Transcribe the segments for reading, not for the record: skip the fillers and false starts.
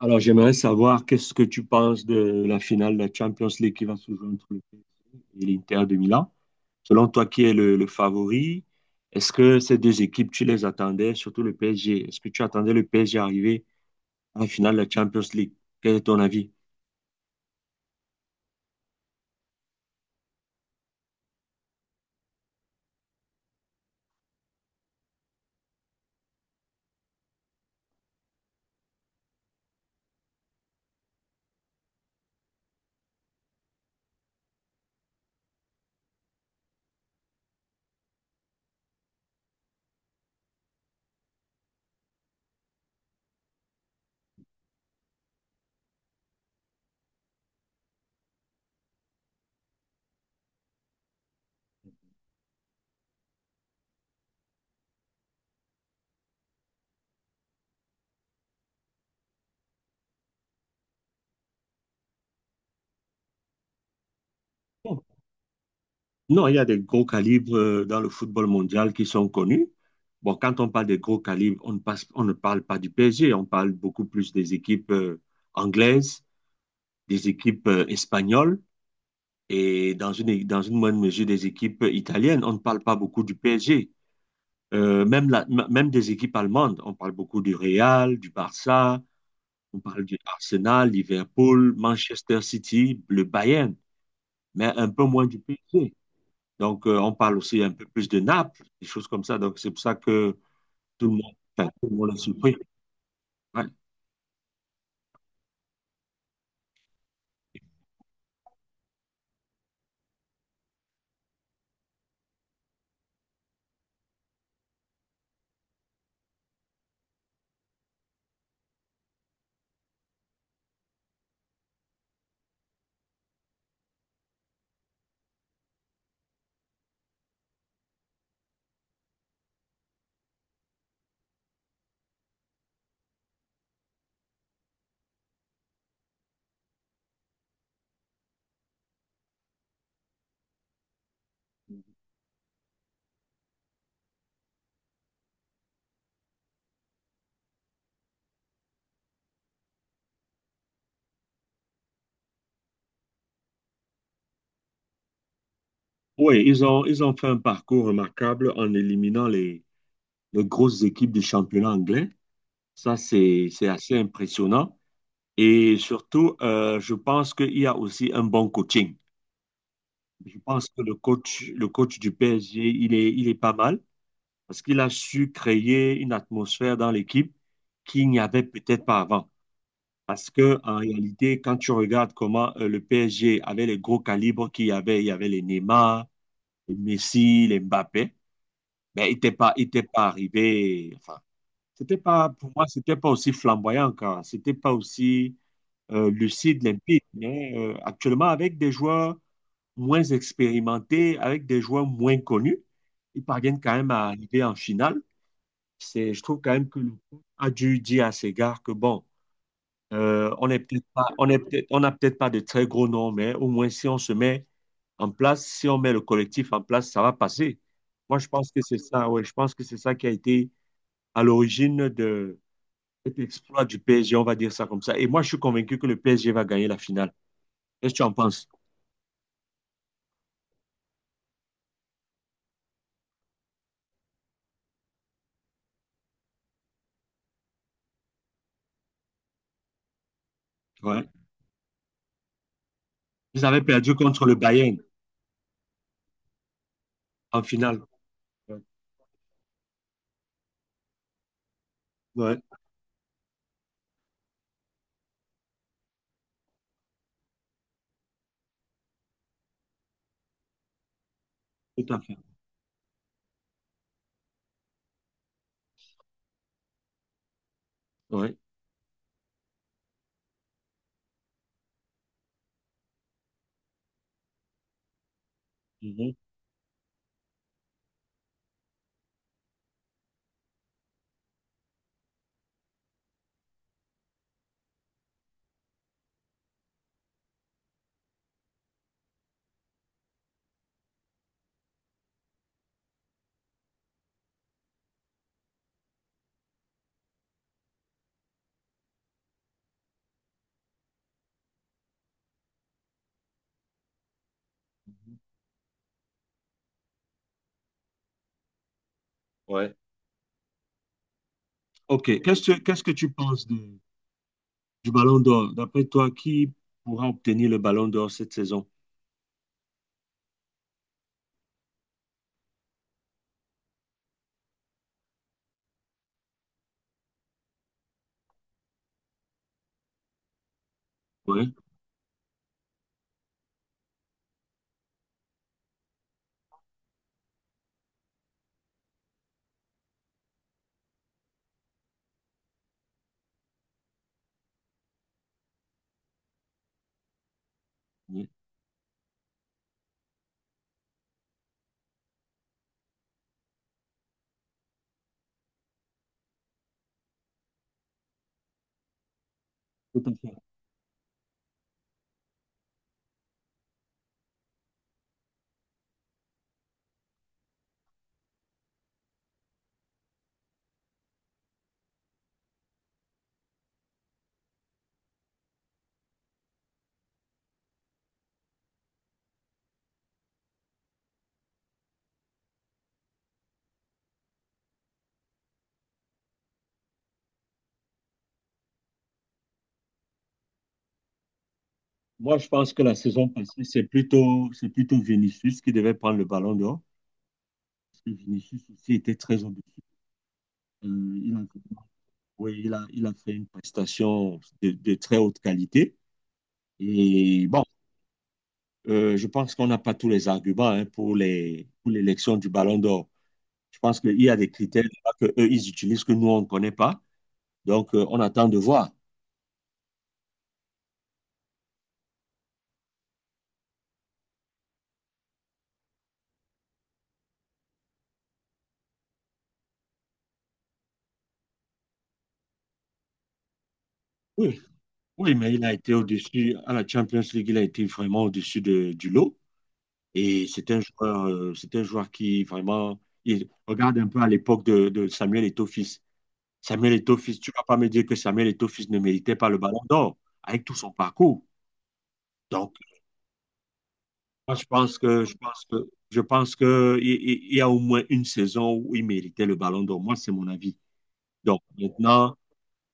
Alors, j'aimerais savoir qu'est-ce que tu penses de la finale de la Champions League qui va se jouer entre le PSG et l'Inter de Milan. Selon toi, qui est le favori? Est-ce que ces deux équipes, tu les attendais, surtout le PSG? Est-ce que tu attendais le PSG arriver à la finale de la Champions League? Quel est ton avis? Bon, non, il y a des gros calibres dans le football mondial qui sont connus. Bon, quand on parle des gros calibres, on ne parle pas du PSG, on parle beaucoup plus des équipes anglaises, des équipes espagnoles, et dans une moindre mesure des équipes italiennes. On ne parle pas beaucoup du PSG. Euh, même, la- Même des équipes allemandes, on parle beaucoup du Real, du Barça, on parle du Arsenal, Liverpool, Manchester City, le Bayern, mais un peu moins du PSG. Donc, on parle aussi un peu plus de Naples, des choses comme ça. Donc, c'est pour ça que tout le monde, enfin, tout le monde est surpris. Ouais. Oui, ils ont fait un parcours remarquable en éliminant les grosses équipes du championnat anglais. Ça, c'est assez impressionnant. Et surtout, je pense qu'il y a aussi un bon coaching. Je pense que le coach du PSG, il est pas mal parce qu'il a su créer une atmosphère dans l'équipe qu'il n'y avait peut-être pas avant. Parce que en réalité, quand tu regardes comment le PSG avait les gros calibres qu'il y avait, il y avait les Neymar, les Messi, les Mbappé, ben, il était pas arrivé. Enfin, c'était pas, pour moi, c'était pas aussi flamboyant encore. C'était pas aussi lucide, limpide. Mais actuellement, avec des joueurs moins expérimentés, avec des joueurs moins connus, ils parviennent quand même à arriver en finale. C'est, je trouve quand même que le coach a dû dire à ses gars que bon, on est peut-être pas, on n'a peut-être pas de très gros noms, mais au moins si on se met en place, si on met le collectif en place, ça va passer. Moi, je pense que c'est ça, ouais, je pense que c'est ça qui a été à l'origine de cet exploit du PSG, on va dire ça comme ça. Et moi, je suis convaincu que le PSG va gagner la finale. Qu'est-ce que tu en penses? Ouais. Ils avaient perdu contre le Bayern en finale. Ouais. Ouais, tout à fait. Ouais. Mhm. Ouais. OK. Qu'est-ce que tu penses du Ballon d'Or? D'après toi, qui pourra obtenir le Ballon d'Or cette saison? Ouais. Ouais, tout à fait. Moi, je pense que la saison passée, c'est plutôt Vinicius qui devait prendre le Ballon d'Or. Parce que Vinicius aussi était très ambitieux. Euh, il a, oui, il a fait une prestation de très haute qualité. Et bon, je pense qu'on n'a pas tous les arguments hein, pour pour l'élection du Ballon d'Or. Je pense qu'il y a des critères que eux, ils utilisent que nous, on ne connaît pas. Donc, on attend de voir. Oui, oui, mais il a été au-dessus, à la Champions League, il a été vraiment au-dessus du lot. Et c'est un joueur qui vraiment, il regarde un peu à l'époque de Samuel Eto'o. Samuel Eto'o-Fils, tu ne vas pas me dire que Samuel Eto'o-Fils ne méritait pas le ballon d'or avec tout son parcours. Donc, moi, je pense que je pense que je pense que il y a au moins une saison où il méritait le ballon d'or. Moi, c'est mon avis. Donc maintenant,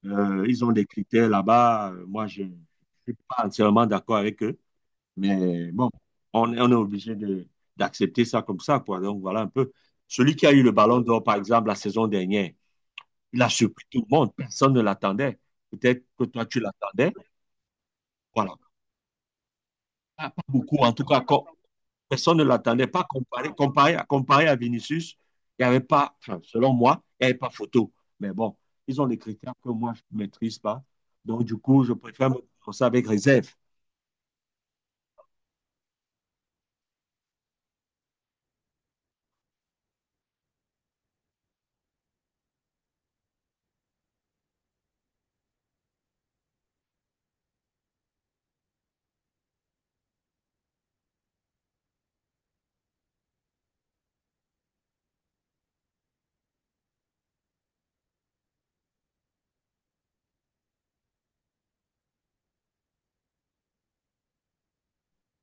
ils ont des critères là-bas. Moi, je ne suis pas entièrement d'accord avec eux. Mais bon, on est obligé d'accepter ça comme ça, quoi. Donc voilà un peu. Celui qui a eu le ballon d'or, par exemple, la saison dernière, il a surpris tout le monde. Personne ne l'attendait. Peut-être que toi, tu l'attendais. Voilà, pas beaucoup. En tout cas, personne ne l'attendait pas. Comparé à Vinicius, il n'y avait pas, enfin, selon moi, il n'y avait pas photo. Mais bon, ils ont des critères que moi, je ne maîtrise pas. Donc, du coup, je préfère me prononcer avec réserve.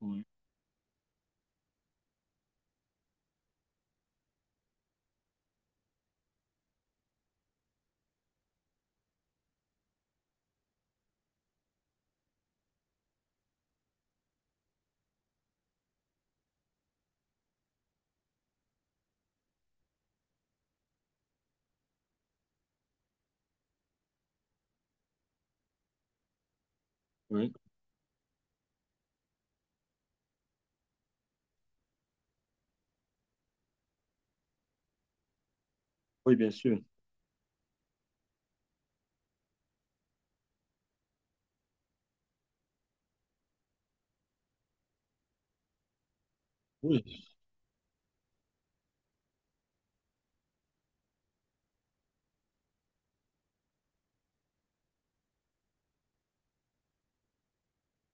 Oui, oui, oui, bien sûr. Oui,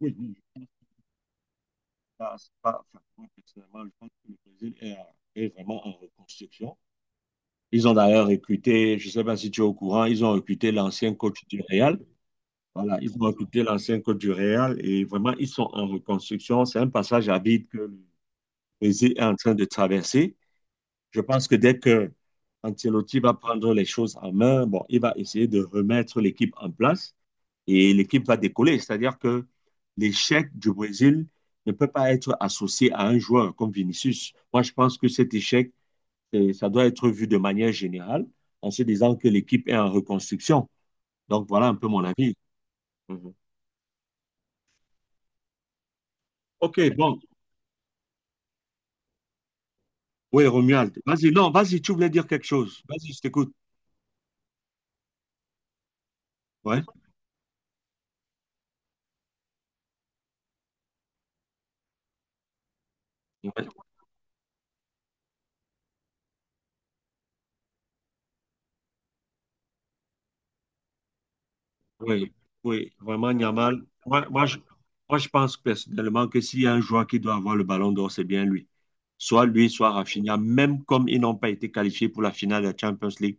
oui, oui. Là, c'est pas, enfin, moi, personnellement, je pense que le Brésil est vraiment en reconstruction. Ils ont d'ailleurs recruté, je ne sais pas si tu es au courant, ils ont recruté l'ancien coach du Real. Voilà, ils ont recruté l'ancien coach du Real et vraiment, ils sont en reconstruction. C'est un passage à vide que le Brésil est en train de traverser. Je pense que dès que Ancelotti va prendre les choses en main, bon, il va essayer de remettre l'équipe en place et l'équipe va décoller. C'est-à-dire que l'échec du Brésil ne peut pas être associé à un joueur comme Vinicius. Moi, je pense que cet échec, ça doit être vu de manière générale en se disant que l'équipe est en reconstruction. Donc, voilà un peu mon avis. Mhm. OK, bon. Oui, Romuald. Vas-y, non, vas-y, tu voulais dire quelque chose. Vas-y, je t'écoute. Ouais. Oui, oui, vraiment, Yamal. Moi, je pense personnellement que s'il y a un joueur qui doit avoir le ballon d'or, c'est bien lui. Soit lui, soit Rafinha, même comme ils n'ont pas été qualifiés pour la finale de la Champions League.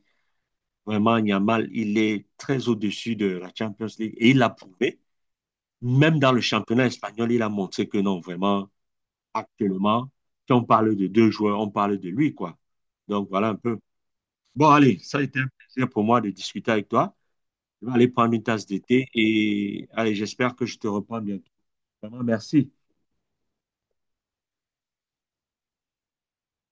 Vraiment, Yamal, il est très au-dessus de la Champions League et il l'a prouvé. Même dans le championnat espagnol, il a montré que non, vraiment, actuellement, si on parle de deux joueurs, on parle de lui, quoi. Donc, voilà un peu. Bon, allez, ça a été un plaisir pour moi de discuter avec toi. Je vais aller prendre une tasse d'été et allez, j'espère que je te reprends bientôt. Vraiment, merci.